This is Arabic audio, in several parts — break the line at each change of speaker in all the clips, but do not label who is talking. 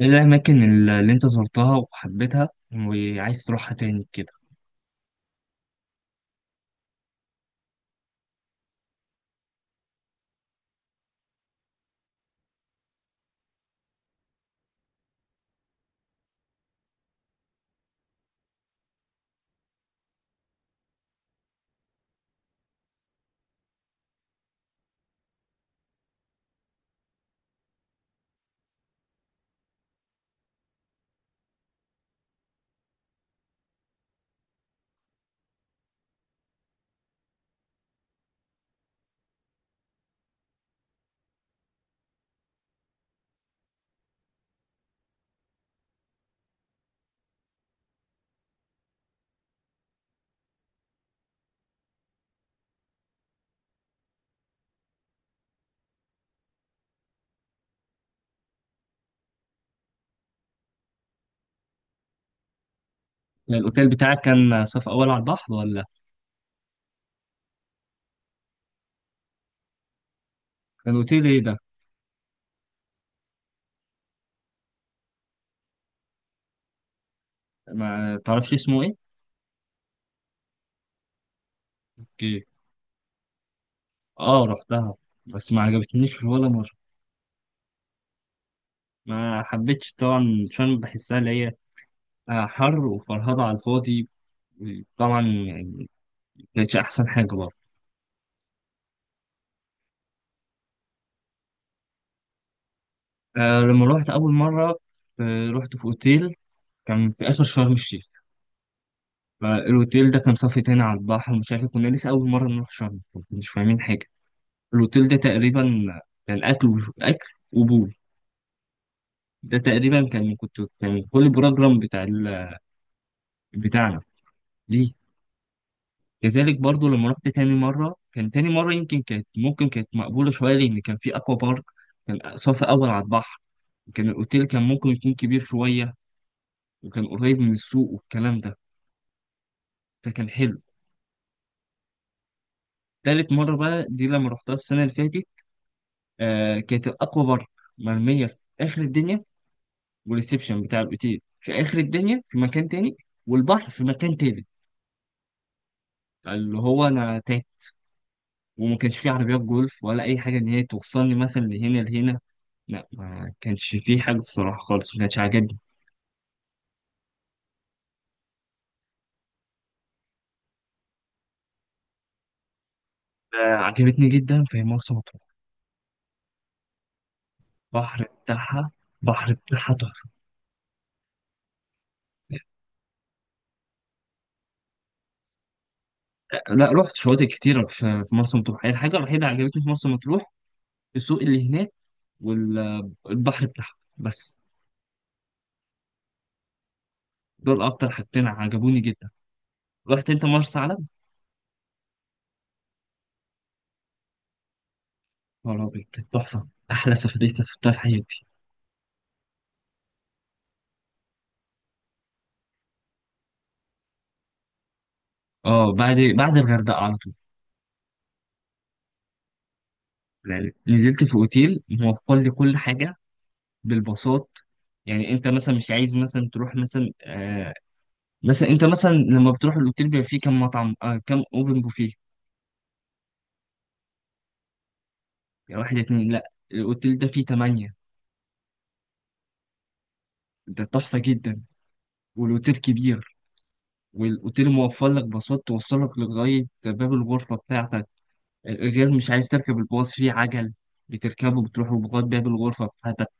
ايه الاماكن اللي انت زرتها وحبيتها وعايز تروحها تاني كده؟ الاوتيل بتاعك كان صف اول على البحر ولا؟ كان اوتيل ايه ده؟ ما تعرفش اسمه ايه؟ اوكي. اه، رحتها، بس ما عجبتنيش ولا مره. ما حبيتش طبعا عشان بحسها اللي هي حر وفرهضه على الفاضي، طبعا يعني. كانتش احسن حاجه برضه. لما روحت اول مره، رحت في اوتيل كان في اخر شرم الشيخ. فالاوتيل ده كان صافي تاني على البحر، مش عارف، كنا لسه اول مره نروح شرم، مش فاهمين حاجه. الأوتيل ده تقريبا كان أكل وبول. ده تقريبا كان كل بروجرام بتاعنا. ليه؟ كذلك برضو لما رحت تاني مرة، كان تاني مرة يمكن كانت ممكن كانت مقبولة شوية لأن كان في أكوا بارك، كان صف أول على البحر، كان الأوتيل كان ممكن يكون كبير شوية، وكان قريب من السوق والكلام ده، فكان حلو. تالت مرة بقى دي لما رحتها السنة اللي فاتت، آه كانت الأكوا بارك مرمية في آخر الدنيا، والريسبشن بتاع الاوتيل في اخر الدنيا في مكان تاني، والبحر في مكان تالت، اللي هو انا تاهت، وما كانش فيه عربيات جولف ولا اي حاجه ان هي توصلني مثلا لهنا لهنا. لا، ما كانش فيه حاجه الصراحه خالص، ما كانتش عاجبني. عجبتني جدا في مرسى مطروح، البحر بتاعها، بحر بتاعها تحفه. لا، رحت شواطئ كتيره في مرسى مطروح، هي الحاجه الوحيده اللي عجبتني في مرسى مطروح السوق اللي هناك، والبحر بتاعها بس. دول اكتر حاجتين عجبوني جدا. رحت انت مرسى علم؟ خرابي، كانت تحفة، أحلى سفرية سافرتها في حياتي. اه، بعد الغردقة على طول. يعني نزلت في أوتيل موفر لي كل حاجة بالبساط. يعني أنت مثلا مش عايز مثلا تروح مثلا مثلا أنت مثلا لما بتروح الأوتيل بيبقى فيه كام مطعم، كام أوبن بوفيه. يعني واحد اتنين، لأ الأوتيل ده فيه تمانية، ده تحفة جدا. والأوتيل كبير، والأوتيل موفر لك باصات توصلك لغاية باب الغرفة بتاعتك، غير مش عايز تركب الباص فيه عجل بتركبه بتروحوا لغاية باب الغرفة بتاعتك.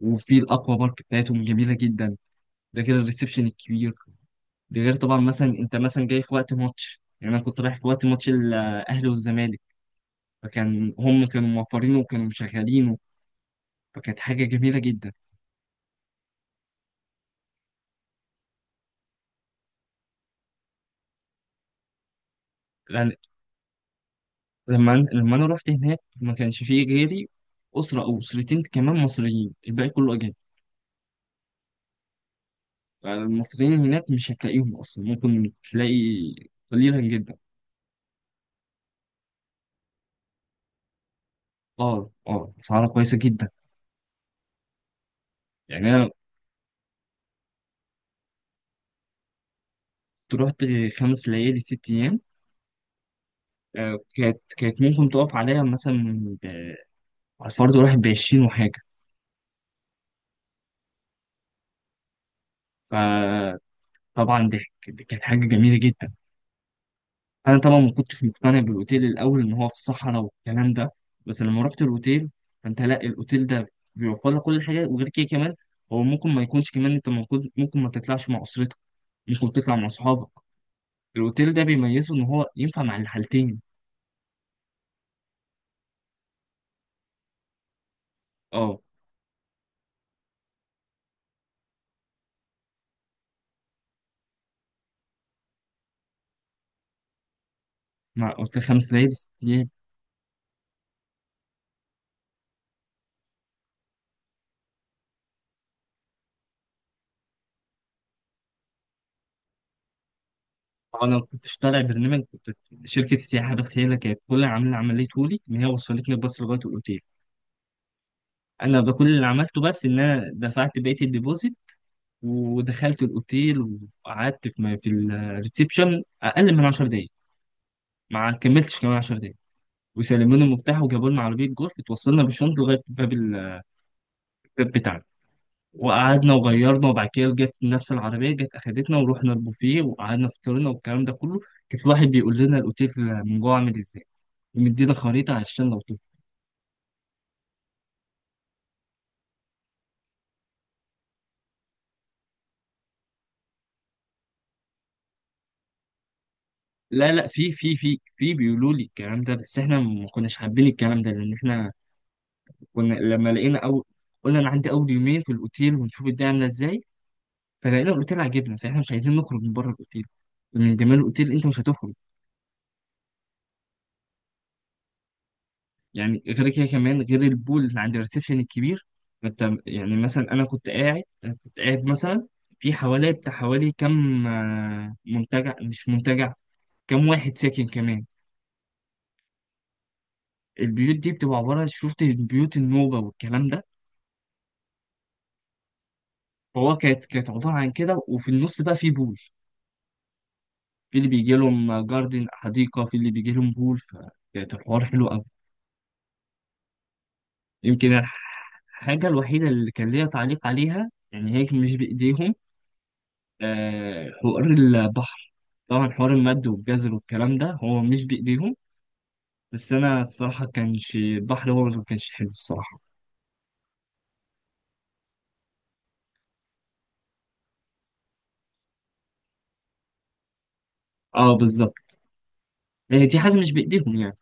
وفي الاكوا بارك بتاعتهم جميله جدا، ده غير الريسبشن الكبير، ده غير طبعا مثلا انت مثلا جاي في وقت ماتش، يعني انا كنت رايح في وقت ماتش الاهلي والزمالك، فكان هم كانوا موفرينه وكانوا مشغلينه، فكانت حاجه جميله جدا. لأن- لما انا رحت هناك ما كانش فيه غيري، اسره او اسرتين كمان مصريين، الباقي كله اجانب. فالمصريين هناك مش هتلاقيهم اصلا، ممكن تلاقي قليلا جدا. اه، اه، اسعارها كويسه جدا. يعني انا رحت خمس ليالي ست ايام. كانت ممكن تقف عليها مثلا على الفرد الواحد بعشرين وحاجة. فطبعا، ضحك دي كانت حاجة جميلة جدا. أنا طبعا ما كنتش مقتنع بالأوتيل الأول إن هو في الصحراء والكلام ده، بس لما رحت الأوتيل، فأنت لا الأوتيل ده بيوفر لك كل حاجة، وغير كده كمان هو ممكن ما يكونش، كمان أنت ممكن ما تطلعش مع أسرتك، ممكن تطلع مع أصحابك. الأوتيل ده بيميزه إن هو ينفع مع الحالتين. أه، مع أوتيل خمس ليالي ست ليالي. هو انا ما كنتش طالع برنامج، كنت شركه السياحه بس هي اللي كانت كل اللي عامله عمليه لي ان هي وصلتني الباص لغايه الاوتيل. انا بقى كل اللي عملته بس ان انا دفعت بقيه الديبوزيت، ودخلت الاوتيل وقعدت في الريسبشن اقل من 10 دقائق. ما كملتش كمان 10 دقائق وسلموني المفتاح، وجابوا لنا عربيه جولف اتوصلنا بالشنطه لغايه الباب بتاعنا. وقعدنا وغيرنا، وبعد كده جت نفس العربيه، جت اخدتنا ورحنا البوفيه، وقعدنا فطرنا والكلام ده كله. كان في واحد بيقول لنا الاوتيل من جوه عامل ازاي، مدينا خريطة عشان لو طفل. لا لا، في بيقولوا لي الكلام ده، بس احنا ما كناش حابين الكلام ده لان احنا كنا لما لقينا، او قلنا انا عندي اول يومين في الاوتيل ونشوف الدنيا عامله ازاي. فلقينا الاوتيل عجبنا، فاحنا مش عايزين نخرج من بره الاوتيل، من جمال الاوتيل انت مش هتخرج. يعني غير كده كمان، غير البول اللي عند الريسبشن الكبير، انت يعني مثلا انا كنت قاعد أنا كنت قاعد مثلا في حوالي بتاع حوالي كم، منتجع مش منتجع، كم واحد ساكن كمان. البيوت دي بتبقى عبارة، شفت البيوت النوبة والكلام ده، فهو كانت عبارة عن كده، وفي النص بقى في بول، في اللي بيجي لهم جاردن حديقة، في اللي بيجي لهم بول، فكانت الحوار حلو أوي. يمكن الحاجة الوحيدة اللي كان ليا تعليق عليها يعني هيك مش بإيديهم، حوار البحر، طبعا حوار المد والجزر والكلام ده هو مش بإيديهم، بس أنا الصراحة كانش البحر هو اللي ما كانش حلو الصراحة. اه، بالظبط، هي دي حاجة مش بإيديهم يعني.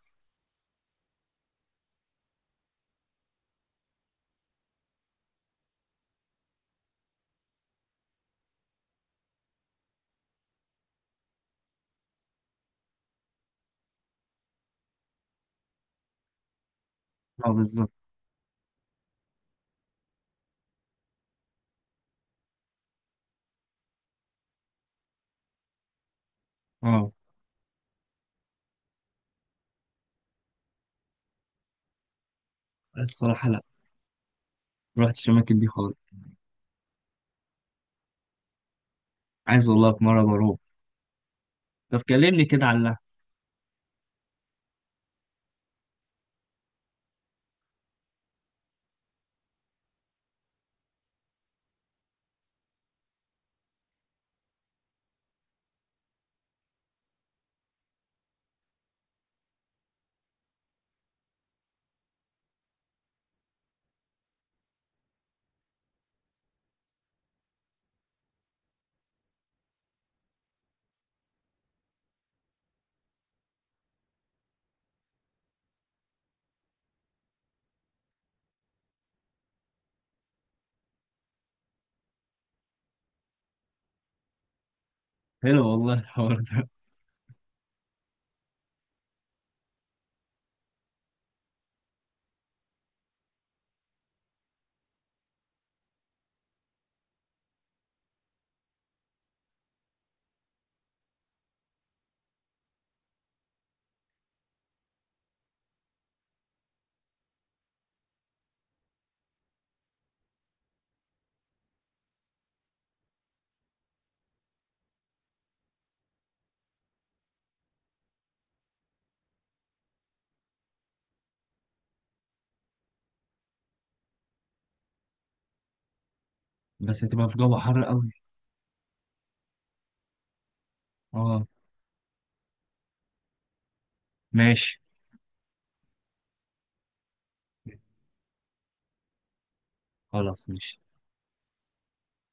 اه، بالظبط. اه، الصراحة لا، ما رحتش الأماكن دي خالص، عايز والله في مرة بروح. طب كلمني كده عن اللحم. حلو والله الحوار ده. بس هتبقى في جو حر قوي. اه، ماشي. خلاص ماشي.